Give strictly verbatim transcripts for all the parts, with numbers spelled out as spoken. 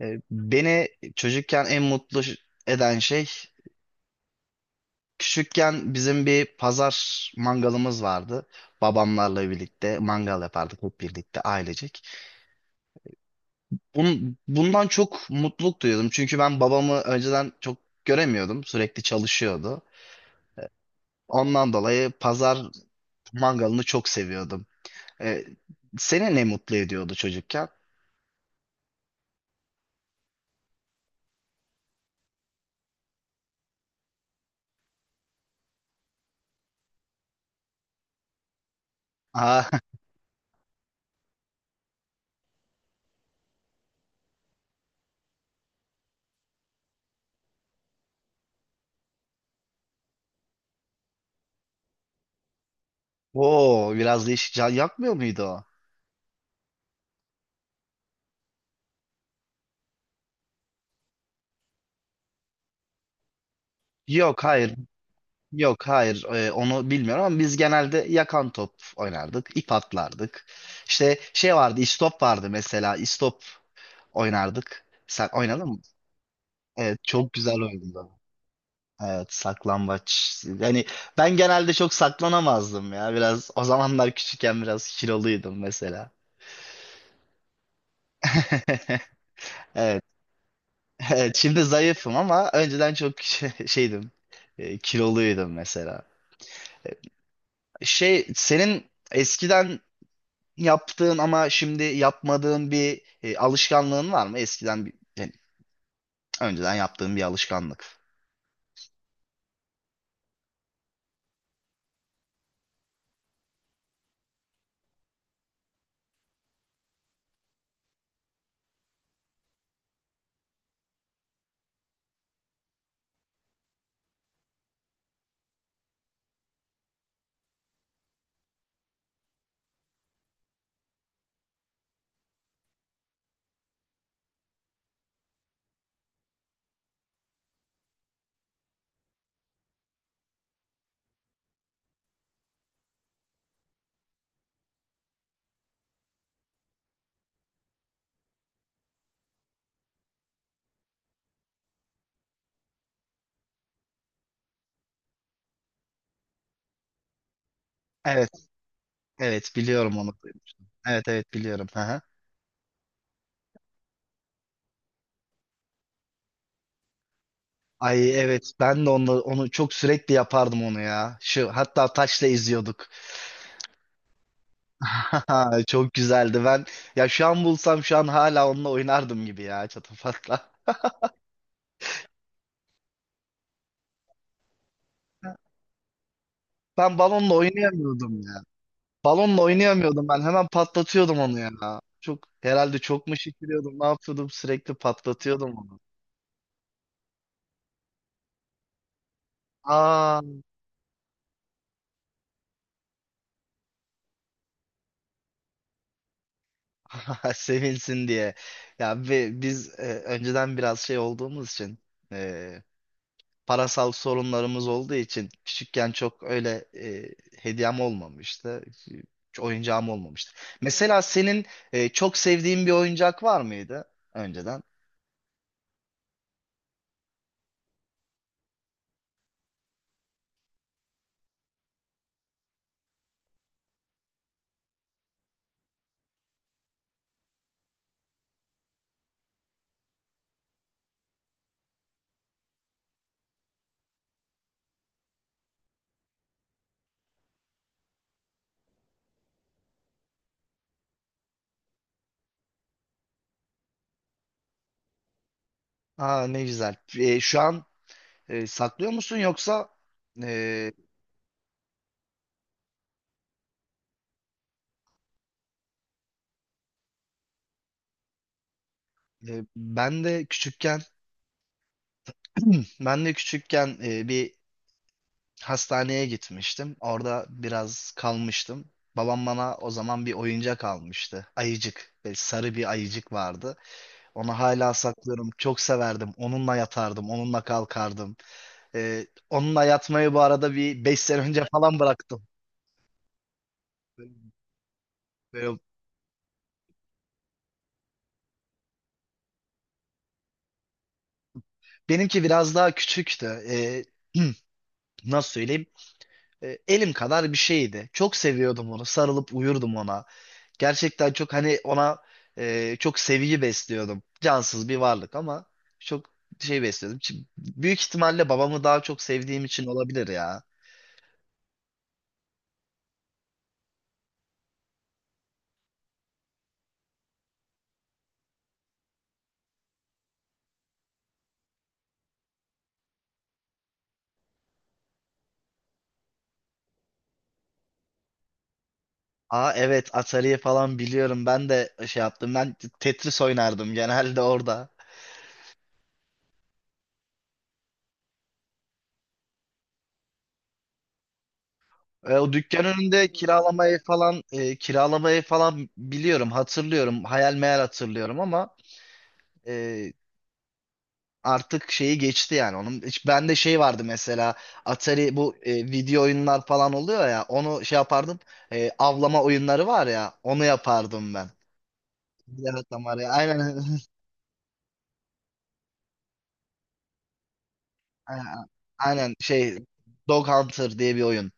E, Beni çocukken en mutlu ş- eden şey, küçükken bizim bir pazar mangalımız vardı. Babamlarla birlikte mangal yapardık hep birlikte ailecek. Bun- bundan çok mutluluk duyuyordum. Çünkü ben babamı önceden çok göremiyordum. Sürekli çalışıyordu. Ondan dolayı pazar mangalını çok seviyordum. E, Seni ne mutlu ediyordu çocukken? Aa, o biraz değişik. Can yakmıyor muydu o? Yok, hayır. Yok, hayır, e, onu bilmiyorum ama biz genelde yakan top oynardık, ip atlardık. İşte şey vardı, istop vardı mesela, istop oynardık. Sen oynadın mı? Evet, çok güzel oyundu. Evet, saklambaç. Yani ben genelde çok saklanamazdım ya, biraz o zamanlar küçükken biraz kiloluydum mesela. Evet, evet şimdi zayıfım ama önceden çok şey- şeydim, e, kiloluydum mesela. Şey, senin eskiden yaptığın ama şimdi yapmadığın bir e, alışkanlığın var mı? Eskiden bir, yani önceden yaptığın bir alışkanlık. Evet, evet biliyorum onu. Evet, evet biliyorum. Hı hı. Ay evet, ben de onu onu çok sürekli yapardım onu ya. Şu hatta taşla izliyorduk. Çok güzeldi. Ben, ya şu an bulsam şu an hala onunla oynardım gibi ya, çatapatla. Ben balonla oynayamıyordum. Balonla oynayamıyordum ben. Hemen patlatıyordum onu ya. Çok herhalde çok mu şişiriyordum? Ne yapıyordum? Sürekli patlatıyordum onu. Aa, sevinsin diye. Ya ve biz e, önceden biraz şey olduğumuz için e, parasal sorunlarımız olduğu için küçükken çok öyle e, hediyem olmamıştı. Hiç oyuncağım olmamıştı. Mesela senin e, çok sevdiğin bir oyuncak var mıydı önceden? Aa, ne güzel. E, şu an e, saklıyor musun yoksa e, E, ben de küçükken ben de küçükken e, bir hastaneye gitmiştim. Orada biraz kalmıştım. Babam bana o zaman bir oyuncak almıştı. Ayıcık. Böyle sarı bir ayıcık vardı. Onu hala saklıyorum. Çok severdim. Onunla yatardım. Onunla kalkardım. E, onunla yatmayı bu arada bir beş sene önce falan bıraktım. Böyle- Benimki biraz daha küçüktü. E, nasıl söyleyeyim? E, elim kadar bir şeydi. Çok seviyordum onu. Sarılıp uyurdum ona. Gerçekten çok hani ona e, çok sevgi besliyordum. Cansız bir varlık ama çok şey besliyordum. Çi- Büyük ihtimalle babamı daha çok sevdiğim için olabilir ya. Aa evet, Atari'yi falan biliyorum. Ben de şey yaptım. Ben Tetris oynardım genelde orada. E, o dükkan önünde kiralamayı falan e, kiralamayı falan biliyorum, hatırlıyorum. Hayal meyal hatırlıyorum ama e, artık şeyi geçti yani onun. Hiç bende şey vardı mesela, Atari bu e, video oyunlar falan oluyor ya, onu şey yapardım. E, avlama oyunları var ya, onu yapardım ben. Yaratam var ya, aynen. aynen aynen şey, Dog Hunter diye bir oyun.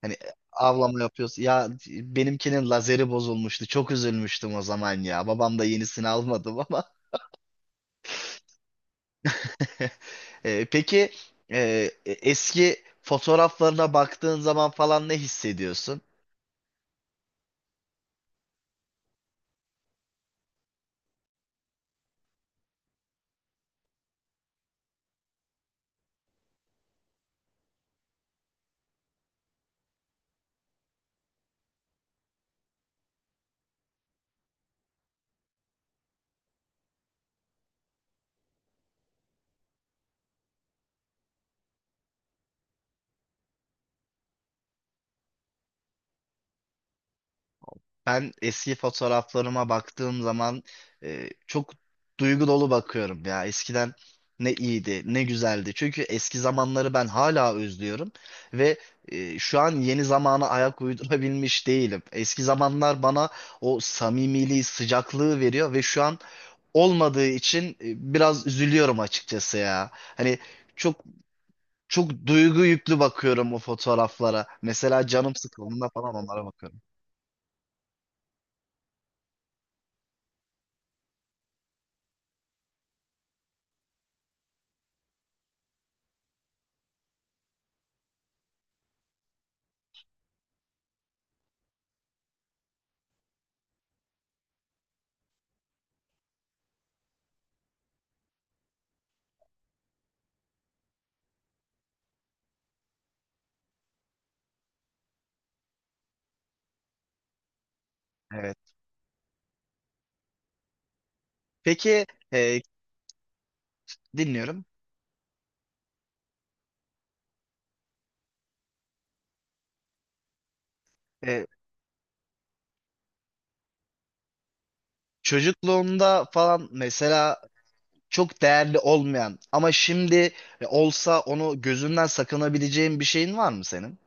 Hani e, avlama yapıyoruz. Ya benimkinin lazeri bozulmuştu. Çok üzülmüştüm o zaman ya. Babam da yenisini almadım ama. E, peki, e, e, eski fotoğraflarına baktığın zaman falan ne hissediyorsun? Ben eski fotoğraflarıma baktığım zaman e, çok duygu dolu bakıyorum ya. Eskiden ne iyiydi, ne güzeldi. Çünkü eski zamanları ben hala özlüyorum ve e, şu an yeni zamana ayak uydurabilmiş değilim. Eski zamanlar bana o samimiliği, sıcaklığı veriyor ve şu an olmadığı için e, biraz üzülüyorum açıkçası ya. Hani çok çok duygu yüklü bakıyorum o fotoğraflara. Mesela canım sıkıldığında falan onlara bakıyorum. Evet. Peki, e, dinliyorum. Ee, Çocukluğumda falan mesela çok değerli olmayan ama şimdi e, olsa onu gözünden sakınabileceğin bir şeyin var mı senin?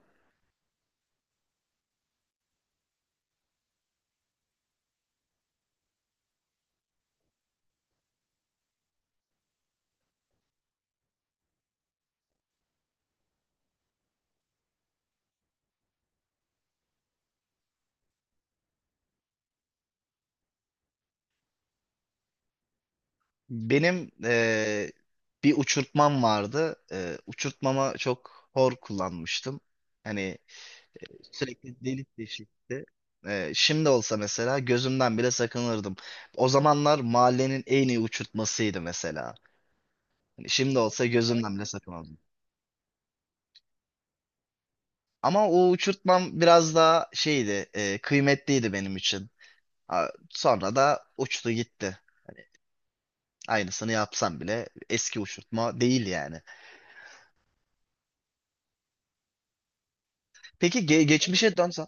Benim ee, bir uçurtmam vardı. Ee, uçurtmama çok hor kullanmıştım. Hani sürekli delik deşikti. Ee, şimdi olsa mesela gözümden bile sakınırdım. O zamanlar mahallenin en iyi uçurtmasıydı mesela. Hani şimdi olsa gözümden bile sakınırdım. Ama o uçurtmam biraz daha şeydi, e, kıymetliydi benim için. Ha, sonra da uçtu gitti. Aynısını yapsam bile eski uçurtma değil yani. Peki, ge- geçmişe dönsen.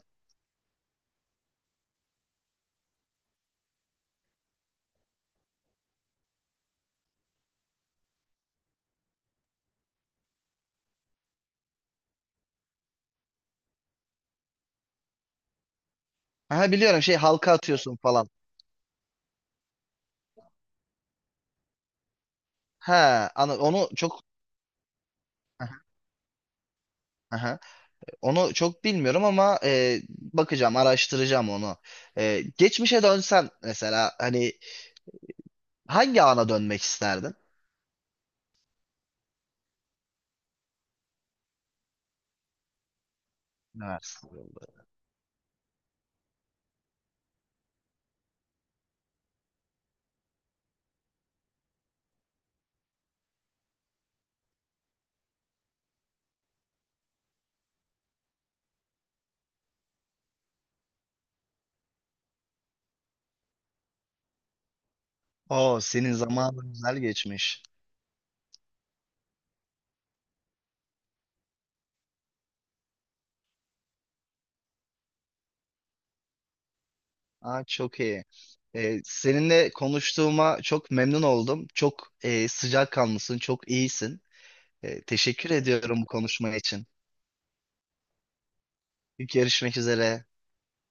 Ha, biliyorum şey, halka atıyorsun falan. Ha ana- onu çok aha. Aha. Onu çok bilmiyorum ama e, bakacağım, araştıracağım onu. E, geçmişe dönsen mesela hani hangi ana dönmek isterdin? Üniversite yılları. Oo, senin zamanın güzel geçmiş. Aa, çok iyi. Ee, seninle konuştuğuma çok memnun oldum. Çok e, sıcakkanlısın, çok iyisin. Ee, teşekkür ediyorum bu konuşma için. Görüşmek üzere.